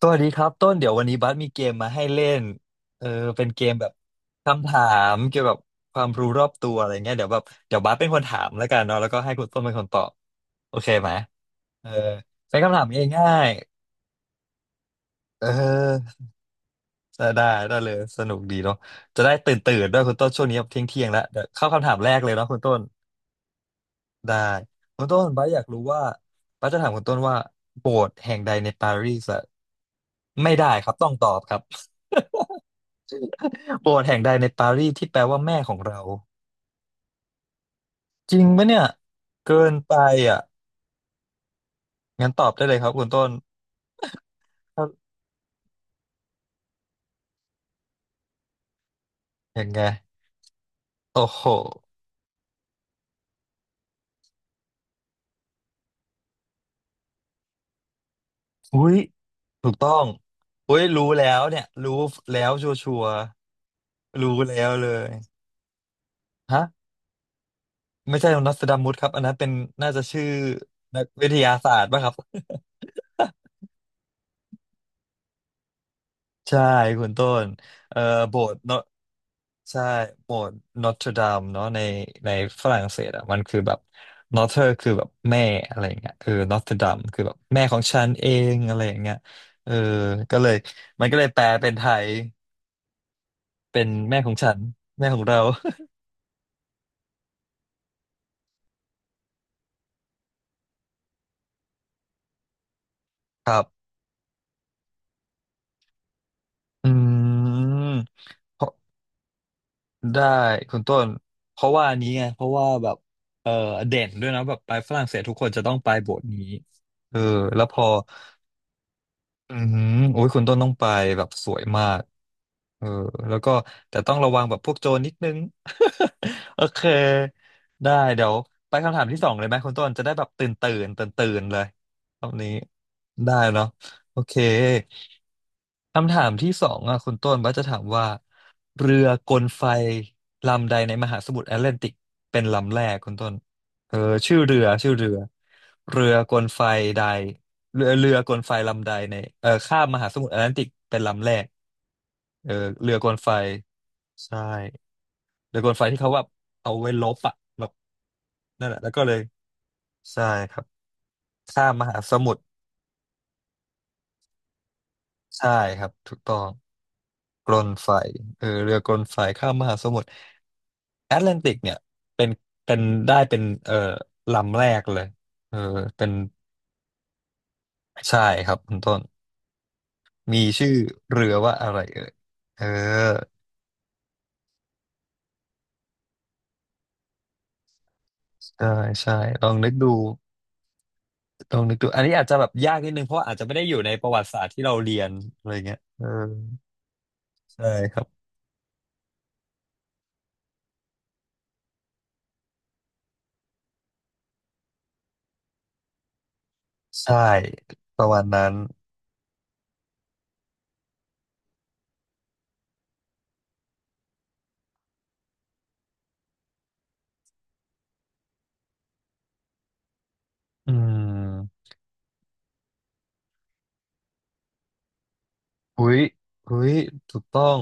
สวัสดีครับต้นเดี๋ยววันนี้บัสมีเกมมาให้เล่นเออเป็นเกมแบบคำถามเกี่ยวกับความรู้รอบตัวอะไรเงี้ยเดี๋ยวแบบเดี๋ยวบัสเป็นคนถามแล้วกันเนาะแล้วก็ให้คุณต้นเป็นคนตอบโอเคไหมเออเป็นคำถามง่ายๆเออได้ได้เลยสนุกดีเนาะจะได้ตื่นตื่นด้วยคุณต้นช่วงนี้เที่ยงเที่ยงแล้วเดี๋ยวเข้าคำถามแรกเลยเนาะคุณต้นได้คุณต้นบัสอยากรู้ว่าบัสจะถามคุณต้นว่าโบสถ์แห่งใดในปารีสอะไม่ได้ครับต้องตอบครับ โปรดแห่งใดในปารีสที่แปลว่าแม่ของเราจริงปะเนี่ยเกินไปอ่ะงั้นตอบได้เลยครับคุณต้นถ้าอย่างไงโอ้โหอุ้ยถูกต้องอุ้ยรู้แล้วเนี่ยรู้แล้วชัวชัวรู้แล้วเลยฮะไม่ใช่นอสตราดามุสครับอันนั้นเป็นน่าจะชื่อนักวิทยาศาสตร์ป่ะครับ ใช่คุณต้นเอ่อโบสถ์เนอะใช่โบสถ์นอตเทอร์ดามเนาะในฝรั่งเศสอ่ะมันคือแบบนอเทอร์คือแบบแม่อะไรอย่างเงี้ยเออนอตเทอร์ดามคือแบบแม่ของฉันเองอะไรอย่างเงี้ยเออก็เลยมันก็เลยแปลเป็นไทยเป็นแม่ของฉันแม่ของเรา ครับอืมเพราะได้คุณต้นเพราะว่าอันนี้ไงเพราะว่าแบบเออเด่นด้วยนะแบบไปฝรั่งเศสทุกคนจะต้องไปโบสถ์นี้เออแล้วพอ อืมโอ้ยคุณต้นต้องไปแบบสวยมากเออแล้วก็แต่ต้องระวังแบบพวกโจรนิดนึง โอเคได้เดี๋ยวไปคำถามที่สองเลยไหมคุณต้นจะได้แบบตื่นตื่นตื่นตื่นๆเลยรอบนี้ได้เนาะโอเคคำถามที่สองอ่ะคุณต้นว่าจะถามว่าเรือกลไฟลำใดในมหาสมุทรแอตแลนติกเป็นลำแรกคุณต้นเออชื่อเรือเรือกลไฟใด เรือกลไฟลำใดในเอ่อข้ามมหาสมุทรแอตแลนติกเป็นลำแรกเออเรือกลไฟใช่เรือกลไฟที่เขาว่าเอาไว้ลบอะแบบนั่นแหละแล้วก็เลยใช่ครับข้ามมหาสมุทรใช่ครับถูกต้องกลไฟเออเรือกลไฟข้ามมหาสมุทรแอตแลนติกเนี่ยเป็นเป็นได้เป็นเออลำแรกเลยเออเป็นใช่ครับคุณต้นมีชื่อเรือว่าอะไรเอ่ยเออใช่ใช่ลองนึกดู ลองนึกดูอันนี้อาจจะแบบยากนิดนึงเพราะว่าอาจจะไม่ได้อยู่ในประวัติศาสตร์ที่เราเรียนอะไรเงี้ยเออใช่ครับใช่ประมาณนั้นอืมอุ้ยอุ้ยถูกต้อง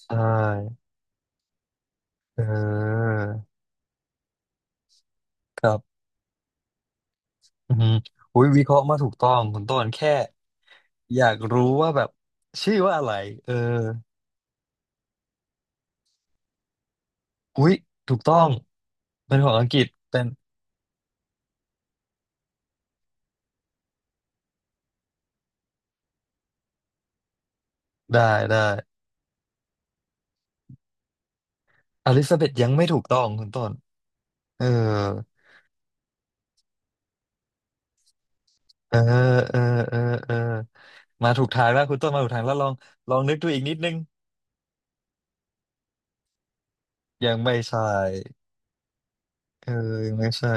ใช่เออครับอืมอุ้ยวิเคราะห์มาถูกต้องคุณต้นแค่อยากรู้ว่าแบบชื่อว่าอะไรเอออุ้ยถูกต้องเป็นของอังกฤษเป็นได้ได้อลิซาเบธยังไม่ถูกต้องคุณต้นเออ เออเออเออเออมาถูกทางแล้วคุณต้นมาถูกทางแล้วลองลองนึกดูอีกนิดนึงยังไม่ใช่เออยังไม่ใช่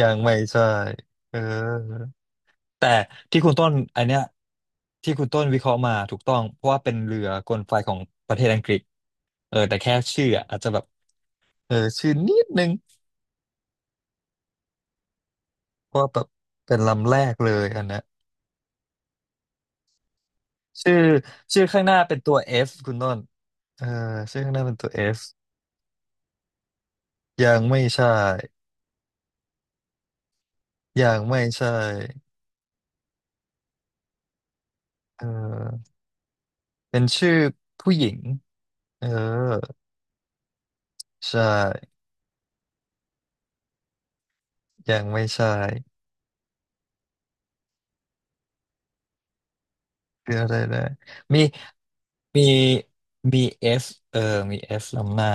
ยังไม่ใช่เออแต่ที่คุณต้นอันเนี้ยที่คุณต้นวิเคราะห์มาถูกต้องเพราะว่าเป็นเรือกลไฟของประเทศอังกฤษเออแต่แค่ชื่ออะอาจจะแบบเออชื่อนิดนึงเพราะว่าแบบเป็นลำแรกเลยอันเนี้ยชื่อชื่อข้างหน้าเป็นตัว F คุณต้นเออชื่อข้างหน้าเป็นตัว F ยังไม่ใช่ยังไม่ใช่ เออเป็นชื่อผู้หญิงเออใช่ ยังไม่ใช่คืออะไรนะมีมีมีเอสเออมีเอสลำหน้า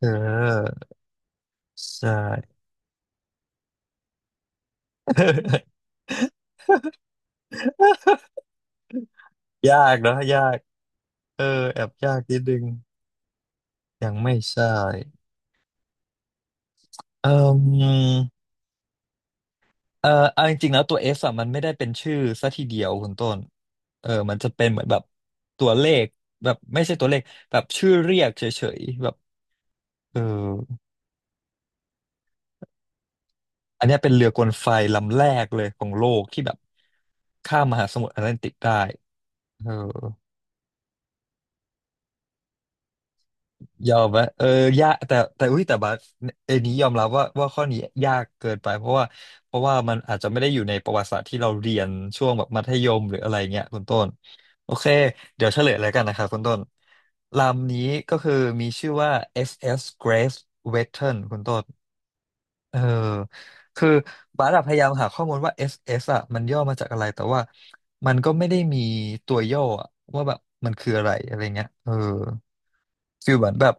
เออใช่ ยากเนอะยากเออแอบยากนิดนึงยังไม่ใช่เออเออเอาจริงๆแล้วตัวเออะมันไม่ได้เป็นชื่อซะทีเดียวคุณต้นเออมันจะเป็นเหมือนแบบตัวเลขแบบไม่ใช่ตัวเลขแบบชื่อเรียกเฉยๆแบบเออ อันเนี้ยเป็นเรือกลไฟลำแรกเลยของโลกที่แบบข้ามมหาสมุทรแอตแลนติกได้เออยอมไหมเออยากแต่อุ้ยแต่บัสเอนี้ยอมรับว่าข้อนี้ยากเกินไปเพราะว่าเพราะว่ามันอาจจะไม่ได้อยู่ในประวัติศาสตร์ที่เราเรียนช่วงแบบมัธยมหรืออะไรเงี้ยคุณต้น โอเค เดี๋ยวเฉลยแล้วกันนะครับคุณต้น ลำนี้ก็คือมีชื่อว่า SS Grace Wheaton คุณต้นเออ คือบาร์ดพยายามหาข้อมูลว่า SS อสเอสอ่ะมันย่อมาจากอะไรแต่ว่ามันก็ไม่ได้มีตัวย่ออะว่าแบบมันคืออะไรอะไรเงี้ยเออฟีลเหมือนแบบ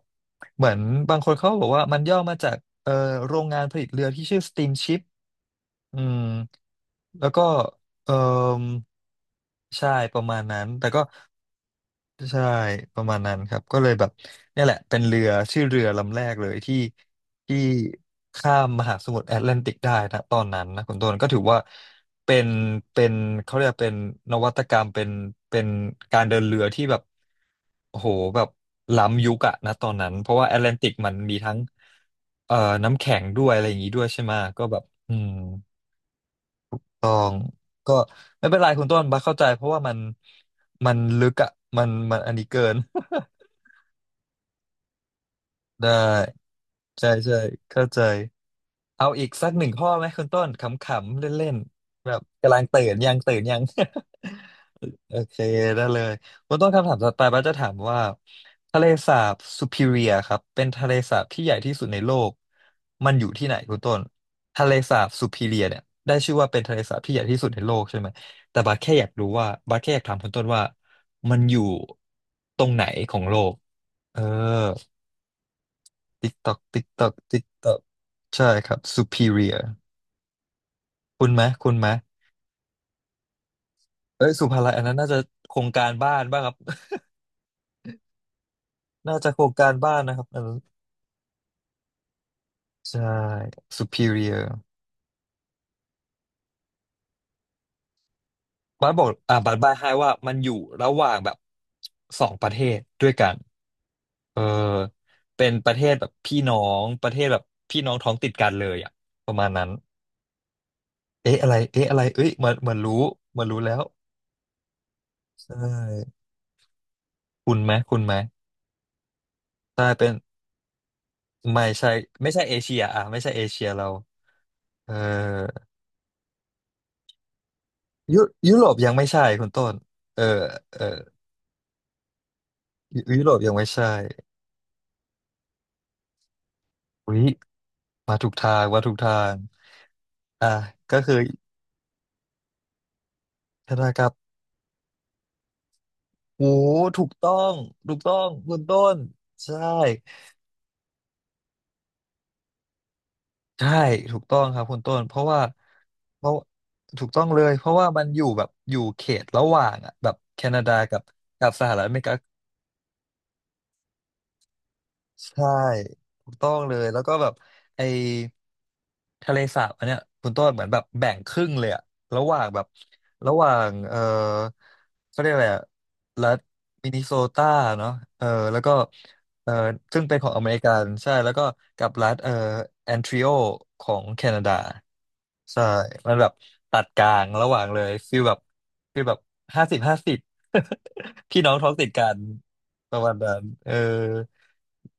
เหมือนบางคนเขาบอกว่ามันย่อมาจากเออโรงงานผลิตเรือที่ชื่อ Steamship อืมแล้วก็เออใช่ประมาณนั้นแต่ก็ ใช่ประมาณนั้นครับก็เลยแบบเนี่ยแหละเป็นเรือชื่อเรือลำแรกเลยที่ข้ามมหาสมุทรแอตแลนติกได้นะตอนนั้นนะคุณต้นก็ถือว่าเป็นเป็นเขาเรียกว่าเป็นนวัตกรรมเป็นการเดินเรือที่แบบโอ้โหแบบล้ำยุคอะนะตอนนั้นเพราะว่าแอตแลนติกมันมีทั้งเอ่อน้ำแข็งด้วยอะไรอย่างนี้ด้วยใช่ไหมะก็แบบอืม ตองก็ไม่เป็นไรคุณต้นบัสเข้าใจเพราะว่ามันลึกอ่ะมันอันนี้เกิน ได้ใช่ใช่เข้าใจเอาอีกสักหนึ่งข้อไหมคุณต้นขำๆเล่นๆแบบกำลังตื่นยังตื่นยัง โอเคได้เลยคุณต้นคำถามต่อไปบ้าสจะถามว่าทะเลสาบซูพิเรียครับเป็นทะเลสาบที่ใหญ่ที่สุดในโลกมันอยู่ที่ไหนคุณต้นทะเลสาบซูพิเรียเนี่ยได้ชื่อว่าเป็นทะเลสาบที่ใหญ่ที่สุดในโลกใช่ไหมแต่บ้าสแค่อยากรู้ว่าบ้าสแค่อยากถามคุณต้นว่ามันอยู่ตรงไหนของโลกเออติ๊กตอกติ๊กตอกติ๊กตอกใช่ครับซูพิเรียคุณไหมคุณไหมเอ้ยสุภาลัยอันนั้นน่าจะโครงการบ้านบ้างครับ น่าจะโครงการบ้านนะครับ ใช่ superior บัสบอกอ่าบัสบายให้ว่ามันอยู่ระหว่างแบบสองประเทศด้วยกันเออเป็นประเทศแบบพี่น้องประเทศแบบพี่น้องท้องติดกันเลยอ่ะประมาณนั้นเอ๊ะอะไรเอ๊ะอะไรเอ้ยเหมือนรู้เหมือนรู้แล้วใช่คุณไหมคุณไหมใช่เป็นไม่ใช่ไม่ใช่เอเชียอ่ะไม่ใช่เอเชียเราเออยุยุโรปยังไม่ใช่คุณต้นเออเออยุโรปยังไม่ใช่อุ้ยมาถูกทางมาถูกทาง อ่าก็คือธนาครับโอ้ถูกต้องถูกต้องคุณต้นใช่ใช่ถูกต้องครับคุณต้นเพราะว่าเพราะถูกต้องเลยเพราะว่ามันอยู่แบบอยู่เขตระหว่างอ่ะแบบแคนาดากับสหรัฐอเมริกา ใช่ถูกต้องเลยแล้วก็แบบไอทะเลสาบอันเนี้ยคุณต้นเหมือนแบบแบ่งครึ่งเลยอะระหว่างแบบระหว่างเออเขาเรียกอะไรอะรัฐมินนิโซตาเนาะเออแล้วก็เออซึ่งเป็นของอเมริกันใช่แล้วก็กับรัฐเออแอนทริโอของแคนาดาใช่มันแบบตัดกลางระหว่างเลยฟีลแบบฟีลแบบ50/50 พี่น้องท้องติดกัน ประมาณนั้นเออ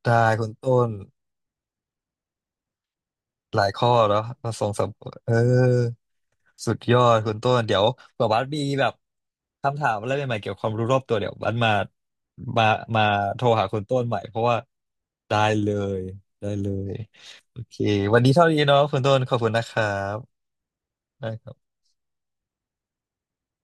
ได้คุณต้นหลายข้อแล้วมาส่งสามเออสุดยอดคุณต้นเดี๋ยวแบบว่ามีแบบคำถามอะไรใหม่ๆเกี่ยวกับความรู้รอบตัวเดี๋ยวบัสมา มาโทรหาคุณต้นใหม่เพราะว่าได้เลยได้เลยโอเควันนี้เท่านี้เนาะคุณต้นขอบคุณนะครับได้ครับ